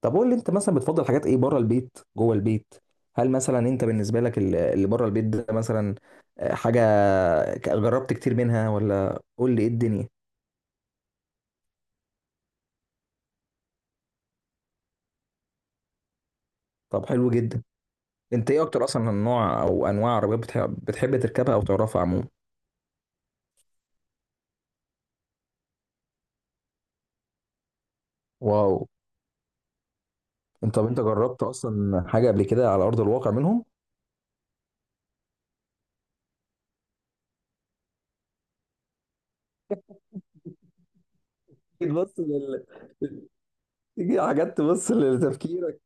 طب قول لي انت مثلا بتفضل حاجات ايه بره البيت، جوه البيت؟ هل مثلا انت بالنسبه لك اللي بره البيت ده مثلا، حاجه جربت كتير منها، ولا قول لي ايه الدنيا؟ طب حلو جدا. انت ايه اكتر اصلا النوع او انواع عربيات بتحب تركبها او تعرفها عموما؟ واو. انت طب انت جربت اصلا حاجه قبل كده على ارض الواقع منهم؟ تيجي تبص لل... تيجي حاجات تبص لتفكيرك؟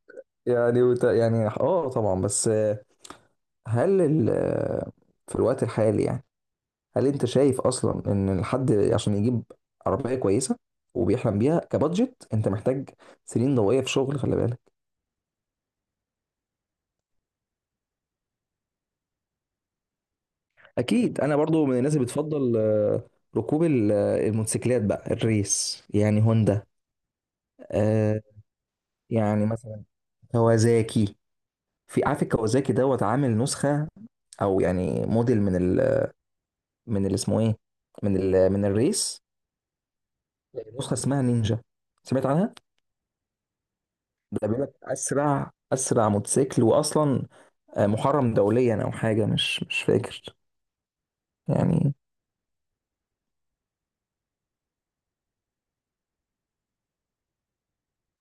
يعني يعني اه طبعا، بس هل ال... آه، في الوقت الحالي يعني، هل انت شايف اصلا ان الحد عشان يجيب عربيه كويسه وبيحلم بيها كبادجت انت محتاج سنين ضوئيه في شغل، خلي بالك. اكيد انا برضو من الناس اللي بتفضل ركوب الموتوسيكلات بقى الريس، يعني هوندا، آه، يعني مثلا كوازاكي. في، عارف، الكوازاكي دوت عامل نسخه، او يعني موديل من ال من اللي اسمه ايه من ال من الريس، نسخه اسمها نينجا، سمعت عنها؟ ده بيقول لك اسرع اسرع موتوسيكل، واصلا محرم دوليا او حاجه، مش فاكر يعني.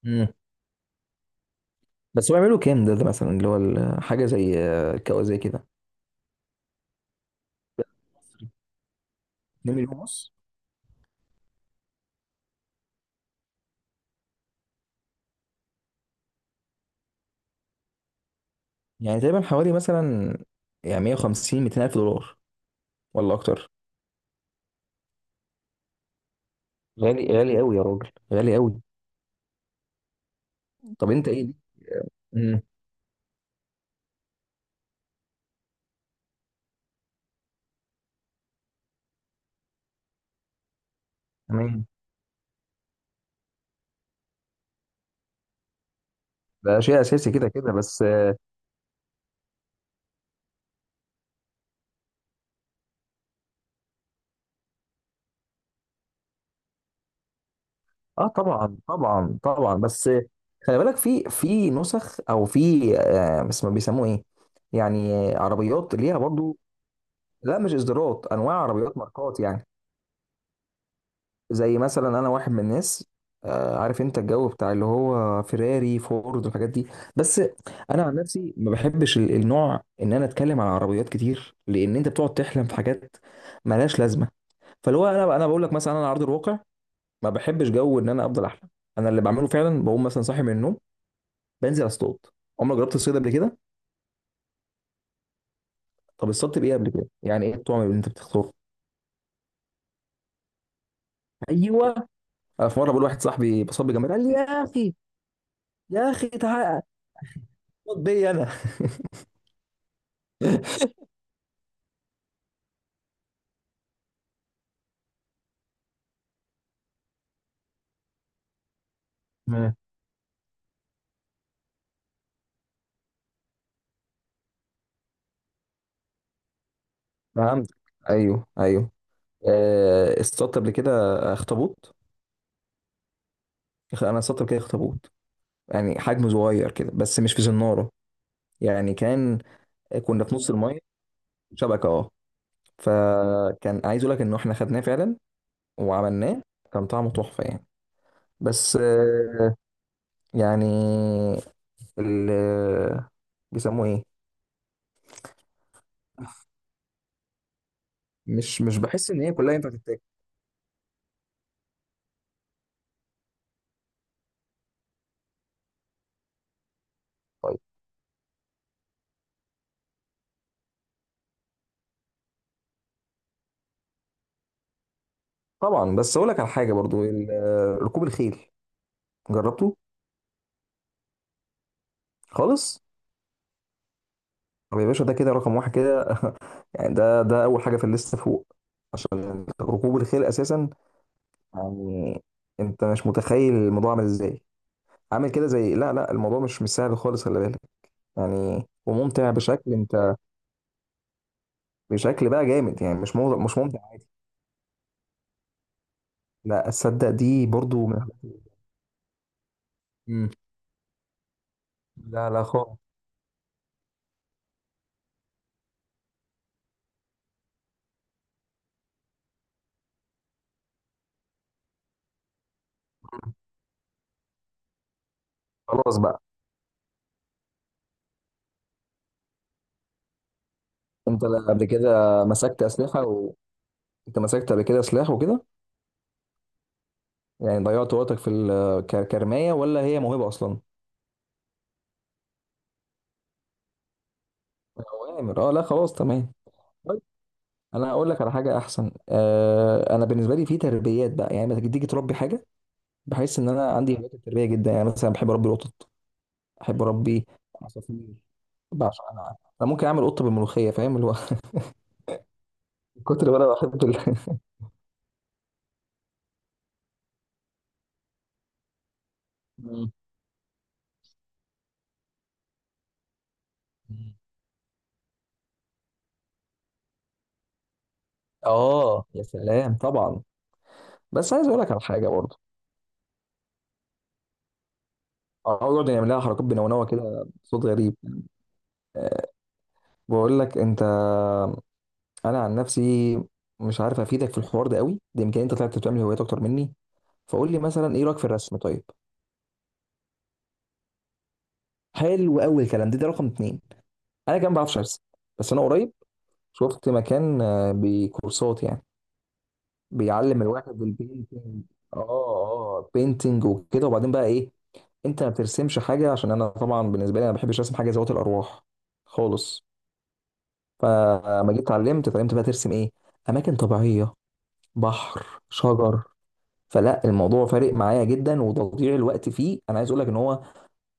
مم. بس هو يعملوا كام ده، ده مثلا اللي هو حاجه زي كوازاكي ده؟ 2 مليون ونص؟ يعني تقريبا حوالي مثلا يعني 150 200 الف دولار، ولا اكتر؟ غالي، غالي قوي يا راجل، غالي قوي. طب انت ايه دي؟ مم. تمام. ده شيء اساسي كده كده، بس اه طبعا طبعا طبعا. بس خلي بالك في نسخ، او في آه بس ما بيسموه ايه يعني، عربيات ليها برضو. لا، مش اصدارات، انواع عربيات، ماركات يعني. زي مثلا، انا واحد من الناس عارف انت الجو بتاع اللي هو فيراري فورد والحاجات دي. بس انا عن نفسي ما بحبش النوع ان انا اتكلم على عربيات كتير، لان انت بتقعد تحلم في حاجات ملهاش لازمه. فاللي هو انا بقول لك مثلا، انا على ارض الواقع ما بحبش جو ان انا افضل احلم. انا اللي بعمله فعلا، بقوم مثلا صاحي من النوم، بنزل اصطاد. عمرك جربت الصيد قبل كده؟ طب اصطدت بايه قبل كده؟ يعني ايه الطعم اللي انت بتختاره؟ ايوه. أنا في مره بقول لواحد صاحبي بصاب بجمال، قال لي يا اخي، يا اخي تعال اصطاد بيا انا. مم. فهمت. ايوه ايوه. اصطادت قبل كده اخطبوط؟ انا اصطادت قبل كده اخطبوط، يعني حجمه صغير كده، بس مش في زناره، يعني كان، كنا في نص الميه، شبكه اه. فكان عايز اقول لك ان احنا خدناه فعلا وعملناه، كان طعمه تحفه يعني. بس يعني ال بيسموه ايه، مش بحس ان هي كلها ينفع تتاكل. طيب. طبعا، بس اقول لك على حاجه برضو، ركوب الخيل، جربته؟ خالص؟ طب يا باشا ده كده رقم واحد كده، يعني ده اول حاجه في الليسته فوق، عشان ركوب الخيل اساسا يعني. انت مش متخيل الموضوع عامل ازاي، عامل كده زي، لا لا، الموضوع مش سهل خالص، خلي بالك. يعني وممتع بشكل، انت بشكل بقى جامد يعني، مش ممتع عادي. لا اصدق دي برضو مم. لا لا خالص. خلاص بقى. انت لا قبل كده مسكت اسلحه انت مسكت قبل كده سلاح وكده، يعني ضيعت وقتك في كرمايه، ولا هي موهبه اصلا؟ اوامر اه، لا خلاص تمام. طيب. انا هقول لك على حاجه احسن، آه انا بالنسبه لي في تربيات بقى، يعني لما تيجي تربي حاجه، بحس ان انا عندي هوايات التربيه جدا. يعني مثلا بحب اربي القطط، بحب اربي عصافير. بعشق انا، انا ممكن اعمل قطه بالملوخيه، فاهم اللي هو؟ من كتر ما انا بحب مم. اه يا سلام طبعا. بس عايز اقول لك على حاجه برضه، اقعد يعمل لها حركات بنونوه كده بصوت غريب. أه. بقول لك انت، انا عن نفسي مش عارف افيدك في الحوار ده قوي، ده يمكن انت طلعت بتعمل هوايات اكتر مني. فقول لي مثلا ايه رايك في الرسم؟ طيب حلو قوي الكلام ده، ده رقم اتنين. انا كمان ما بعرفش ارسم، بس انا قريب شفت مكان بكورسات يعني، بيعلم الواحد البينتنج. اه اه، بينتنج وكده، وبعدين بقى ايه؟ انت ما بترسمش حاجه؟ عشان انا طبعا بالنسبه لي، انا ما بحبش ارسم حاجه ذوات الارواح خالص. فما جيت اتعلمت بقى ترسم ايه؟ اماكن طبيعيه، بحر، شجر. فلا الموضوع فارق معايا جدا، وتضييع الوقت فيه، انا عايز اقول لك ان هو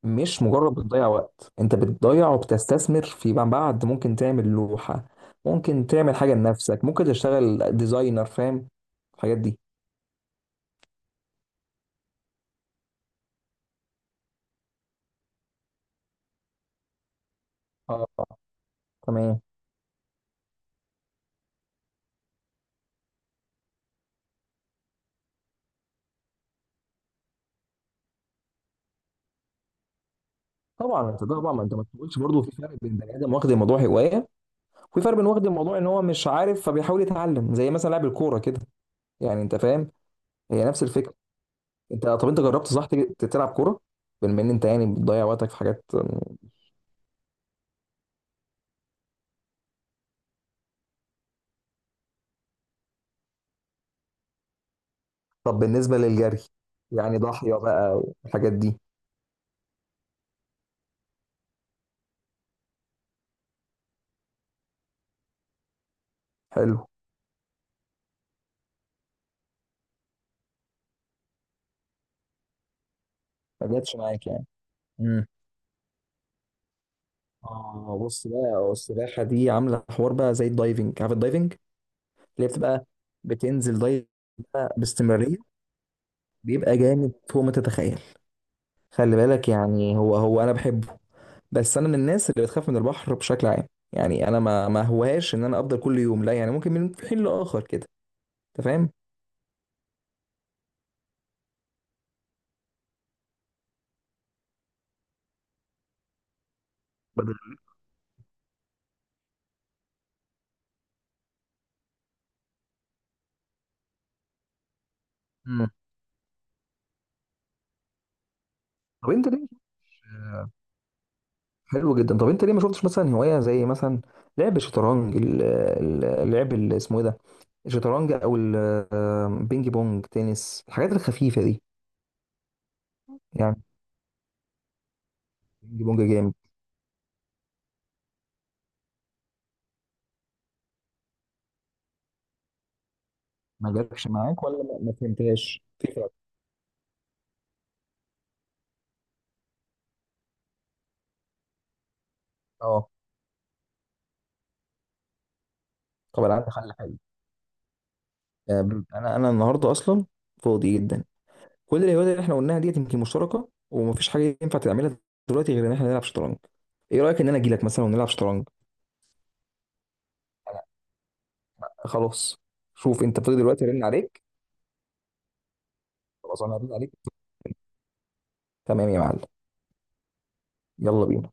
مش مجرد بتضيع وقت، انت بتضيع وبتستثمر فيما بعد. ممكن تعمل لوحة، ممكن تعمل حاجة لنفسك، ممكن تشتغل ديزاينر، فاهم الحاجات دي؟ اه تمام. طبعا انت طبعا، ما انت ما تقولش برضه، في فرق بين بني ادم واخد الموضوع هوايه، وفي فرق بين واخد الموضوع ان هو مش عارف فبيحاول يتعلم، زي مثلا لاعب الكوره كده. يعني انت فاهم، هي نفس الفكره. انت طب انت جربت صح تلعب كوره بما ان انت يعني بتضيع وقتك في حاجات؟ طب بالنسبة للجري يعني، ضاحية بقى والحاجات دي؟ حلو. ما جاتش معاك يعني؟ امم. اه، بص بقى، السباحة دي عاملة حوار بقى زي الدايفنج، عارف الدايفنج اللي هي بتبقى بتنزل دايف بقى باستمرارية؟ بيبقى جامد فوق ما تتخيل، خلي بالك. يعني هو انا بحبه، بس انا من الناس اللي بتخاف من البحر بشكل عام. يعني انا ما هوهاش ان انا افضل كل يوم، لا، يعني ممكن من حين لاخر كده. انت فاهم؟ بدل- مم. طب انت ليه، حلو جدا، طب انت ليه ما شفتش مثلا هوايه زي مثلا لعب الشطرنج، اللعب اللي اسمه ايه ده، الشطرنج او البينج بونج تنس، الحاجات الخفيفه دي يعني؟ بينج بونج جامد. ما جابش معاك، ولا ما فهمتهاش؟ في فرق. اه. طب انا عندي حل حلو، آه، انا النهارده اصلا فاضي جدا. كل الهوايات اللي احنا قلناها ديت يمكن مشتركه، ومفيش حاجه ينفع تعملها دلوقتي غير ان احنا نلعب شطرنج. ايه رايك ان انا اجي لك مثلا ونلعب شطرنج؟ خلاص. شوف انت فاضي دلوقتي رن عليك. خلاص انا هرن عليك. تمام يا معلم. يلا بينا.